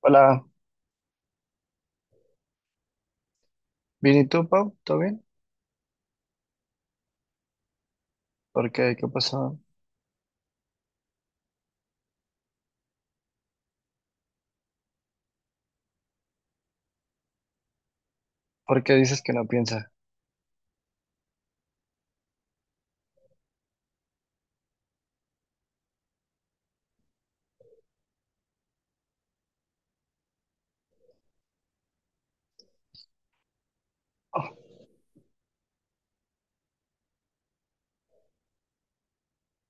Hola, bien, ¿y tú, Pau? ¿Todo bien? ¿Por qué? ¿Qué pasó? ¿Por qué dices que no piensa?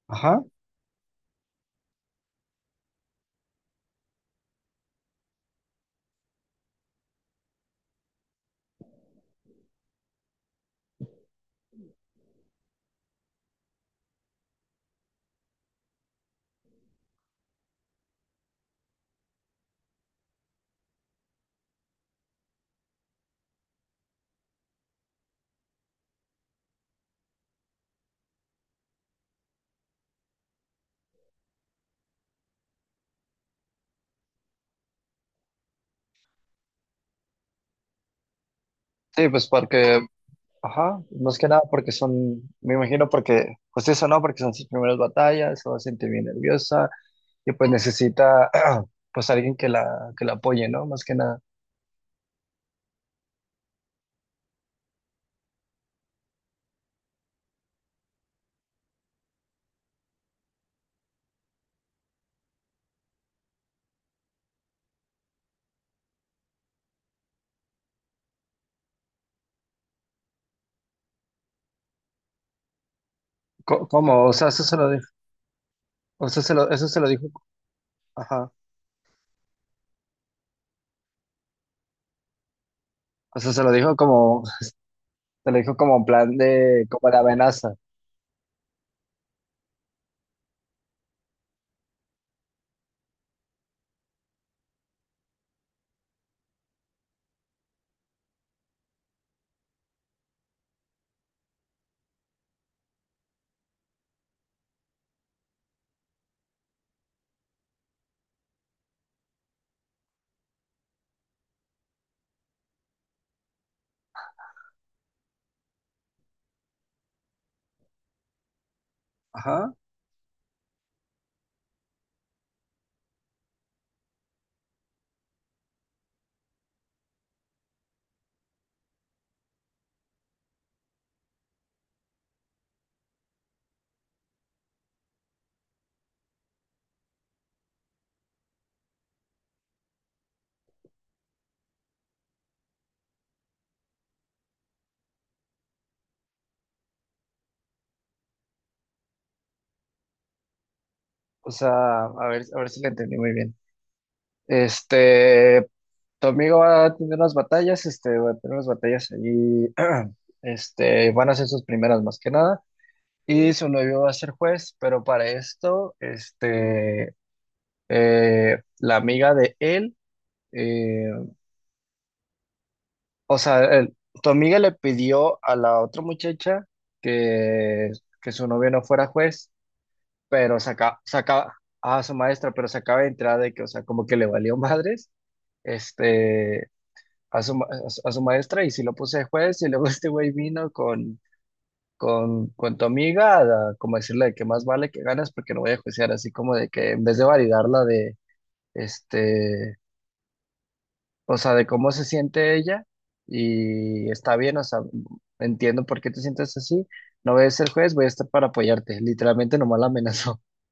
Ajá. Sí, pues porque, ajá, más que nada porque son, me imagino porque, pues eso no, porque son sus primeras batallas, se va a sentir bien nerviosa y pues necesita, pues alguien que la apoye, ¿no? Más que nada. ¿Cómo? O sea, eso se lo dijo, o sea, se lo, eso se lo dijo, ajá. O sea, se lo dijo como, se lo dijo como en plan de, como la amenaza. Ajá. O sea, a ver si lo entendí muy bien. Este, Tu amigo va a tener unas batallas, este, va a tener unas batallas allí, este, van a ser sus primeras más que nada, y su novio va a ser juez, pero para esto, este, la amiga de él, eh, o sea, tu amiga le pidió a la otra muchacha que, que su novio no fuera juez, pero saca, saca a su maestra, pero se acaba de entrar de que, o sea, como que le valió madres, este a su, a a su maestra y si lo puse de juez y luego este güey vino con tu amiga a, como decirle de que más vale que ganas porque no voy a juiciar, así como de que en vez de validarla de, este, o sea, de cómo se siente ella y está bien, o sea, entiendo por qué te sientes así, no voy a ser juez, voy a estar para apoyarte, literalmente nomás la amenazó.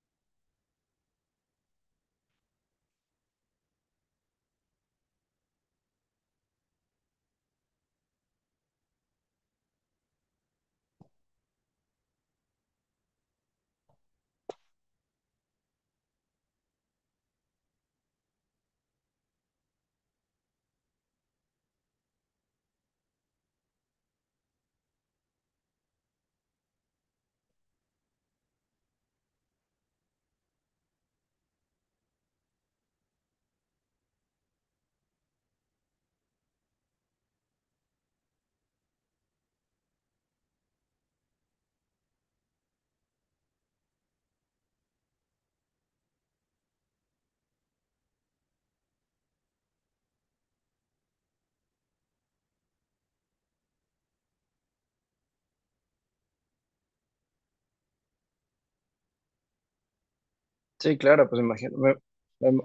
Sí, claro, pues imagino, me, me-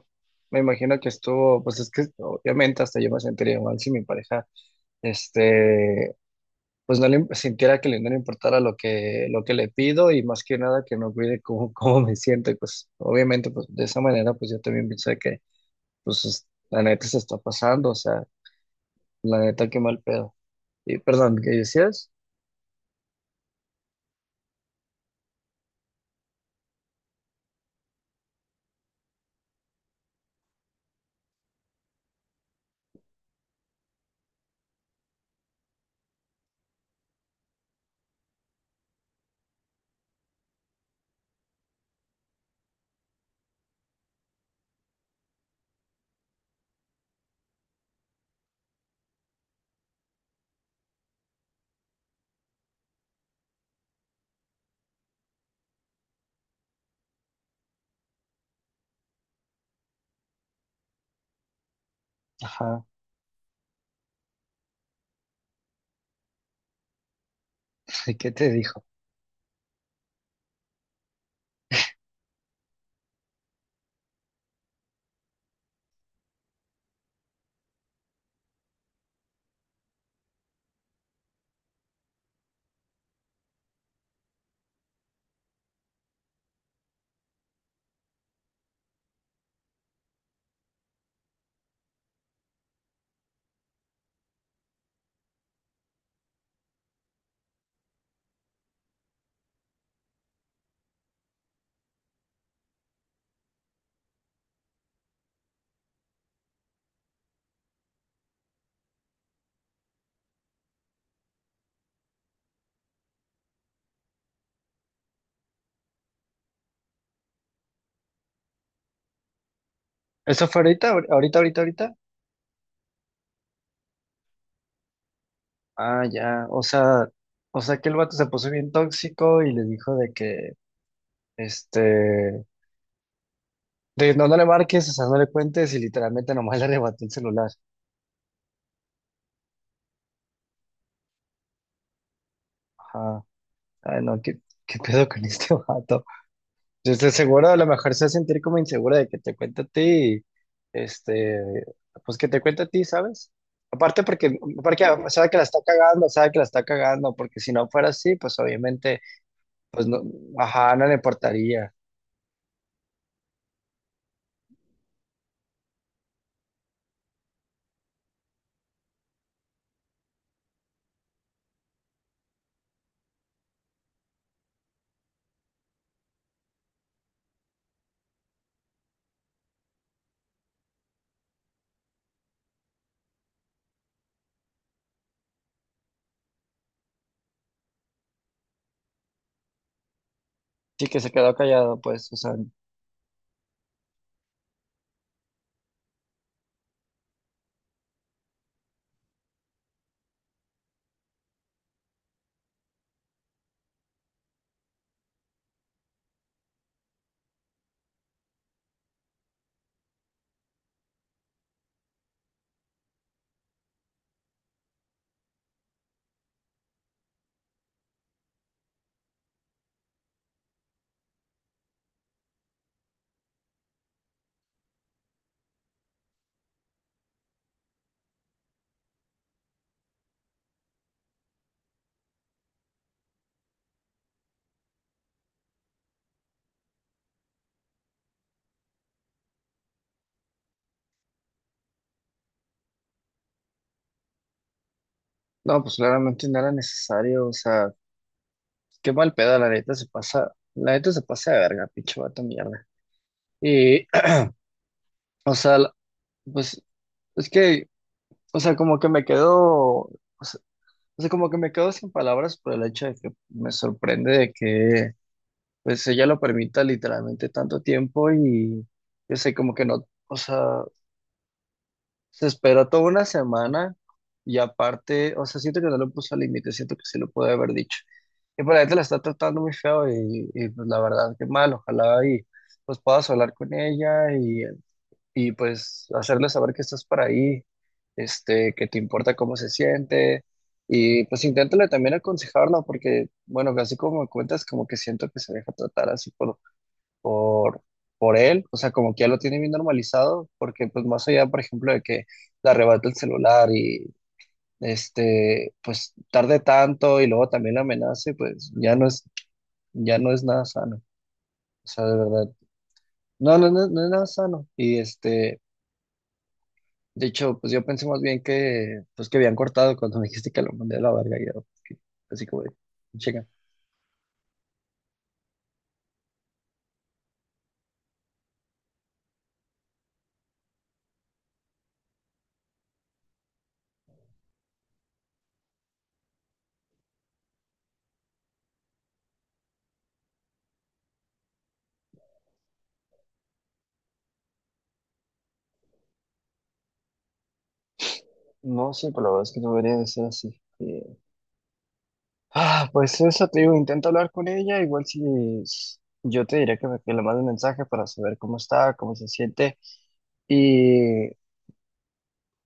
me imagino que estuvo, pues es que obviamente hasta yo me sentiría mal si mi pareja, este, pues no le sintiera que le, no le importara lo que le pido y más que nada que no cuide cómo, cómo me siento. Y pues obviamente, pues de esa manera, pues yo también pensé que, pues la neta se está pasando, o sea, la neta qué mal pedo. Y perdón, ¿qué decías? Ajá, ¿qué te dijo? ¿Eso fue ahorita, ahorita, ahorita, ahorita? Ah, ya, o sea que el vato se puso bien tóxico y le dijo de que, este, de no, no le marques, o sea, no le cuentes y literalmente nomás le arrebató el celular. Ajá. Ay, no, ¿qué, qué pedo con este vato? Yo estoy seguro, a lo mejor se va a sentir como insegura de que te cuente a ti, este, pues que te cuente a ti, ¿sabes? Aparte porque, porque sabe que la está cagando, sabe que la está cagando, porque si no fuera así, pues obviamente, pues no, ajá, no le importaría. Sí que se quedó callado, pues, o sea, no, pues claramente no era necesario, o sea, qué mal pedo, la neta se pasa, la neta se pasa de verga, pinche vato mierda. Y, o sea, la- pues, es que... O sea, como que me quedo, sea, o sea, como que me quedo sin palabras por el hecho de que me sorprende de que pues ella lo permita literalmente tanto tiempo y yo sé como que no, o sea, se espera toda una semana y aparte, o sea, siento que no lo puso al límite, siento que sí lo puede haber dicho. Y por la gente la está tratando muy feo y, pues la verdad que mal, ojalá y pues puedas hablar con ella y pues hacerle saber que estás para ahí, este, que te importa cómo se siente y pues inténtale también aconsejarla porque, bueno, así como me cuentas, como que siento que se deja tratar así por, por él, o sea, como que ya lo tiene bien normalizado porque pues más allá, por ejemplo, de que le arrebata el celular y... Este, pues tarde tanto y luego también la amenace, pues ya no es nada sano. O sea, de verdad, no, no, no, no es nada sano. Y este, de hecho, pues yo pensé más bien que, pues que habían cortado cuando me dijiste que lo mandé a la verga. Y yo, que- así como, de, chinga. No, sí, pero la verdad es que no debería de ser así. Ah, pues eso te digo, intenta hablar con ella. Igual si yo te diré que, que le mande un mensaje para saber cómo está, cómo se siente. Y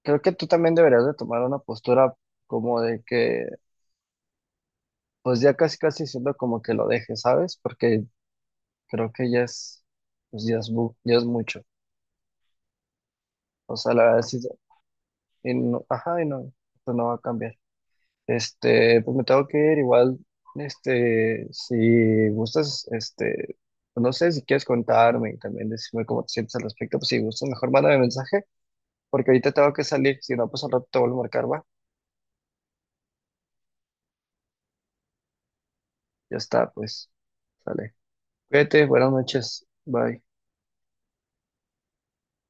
creo que tú también deberías de tomar una postura como de que, pues ya casi casi siendo como que lo dejes, ¿sabes? Porque creo que ya es, pues ya es, ya es mucho. O sea, la verdad sí, y no, ajá, y no, esto no va a cambiar. Este, pues me tengo que ir igual, este, si gustas, este, pues no sé si quieres contarme y también decirme cómo te sientes al respecto, pues si gustas, mejor mándame mensaje, porque ahorita tengo que salir, si no, pues al rato te vuelvo a marcar, va. Ya está, pues, sale. Cuídate, buenas noches, bye.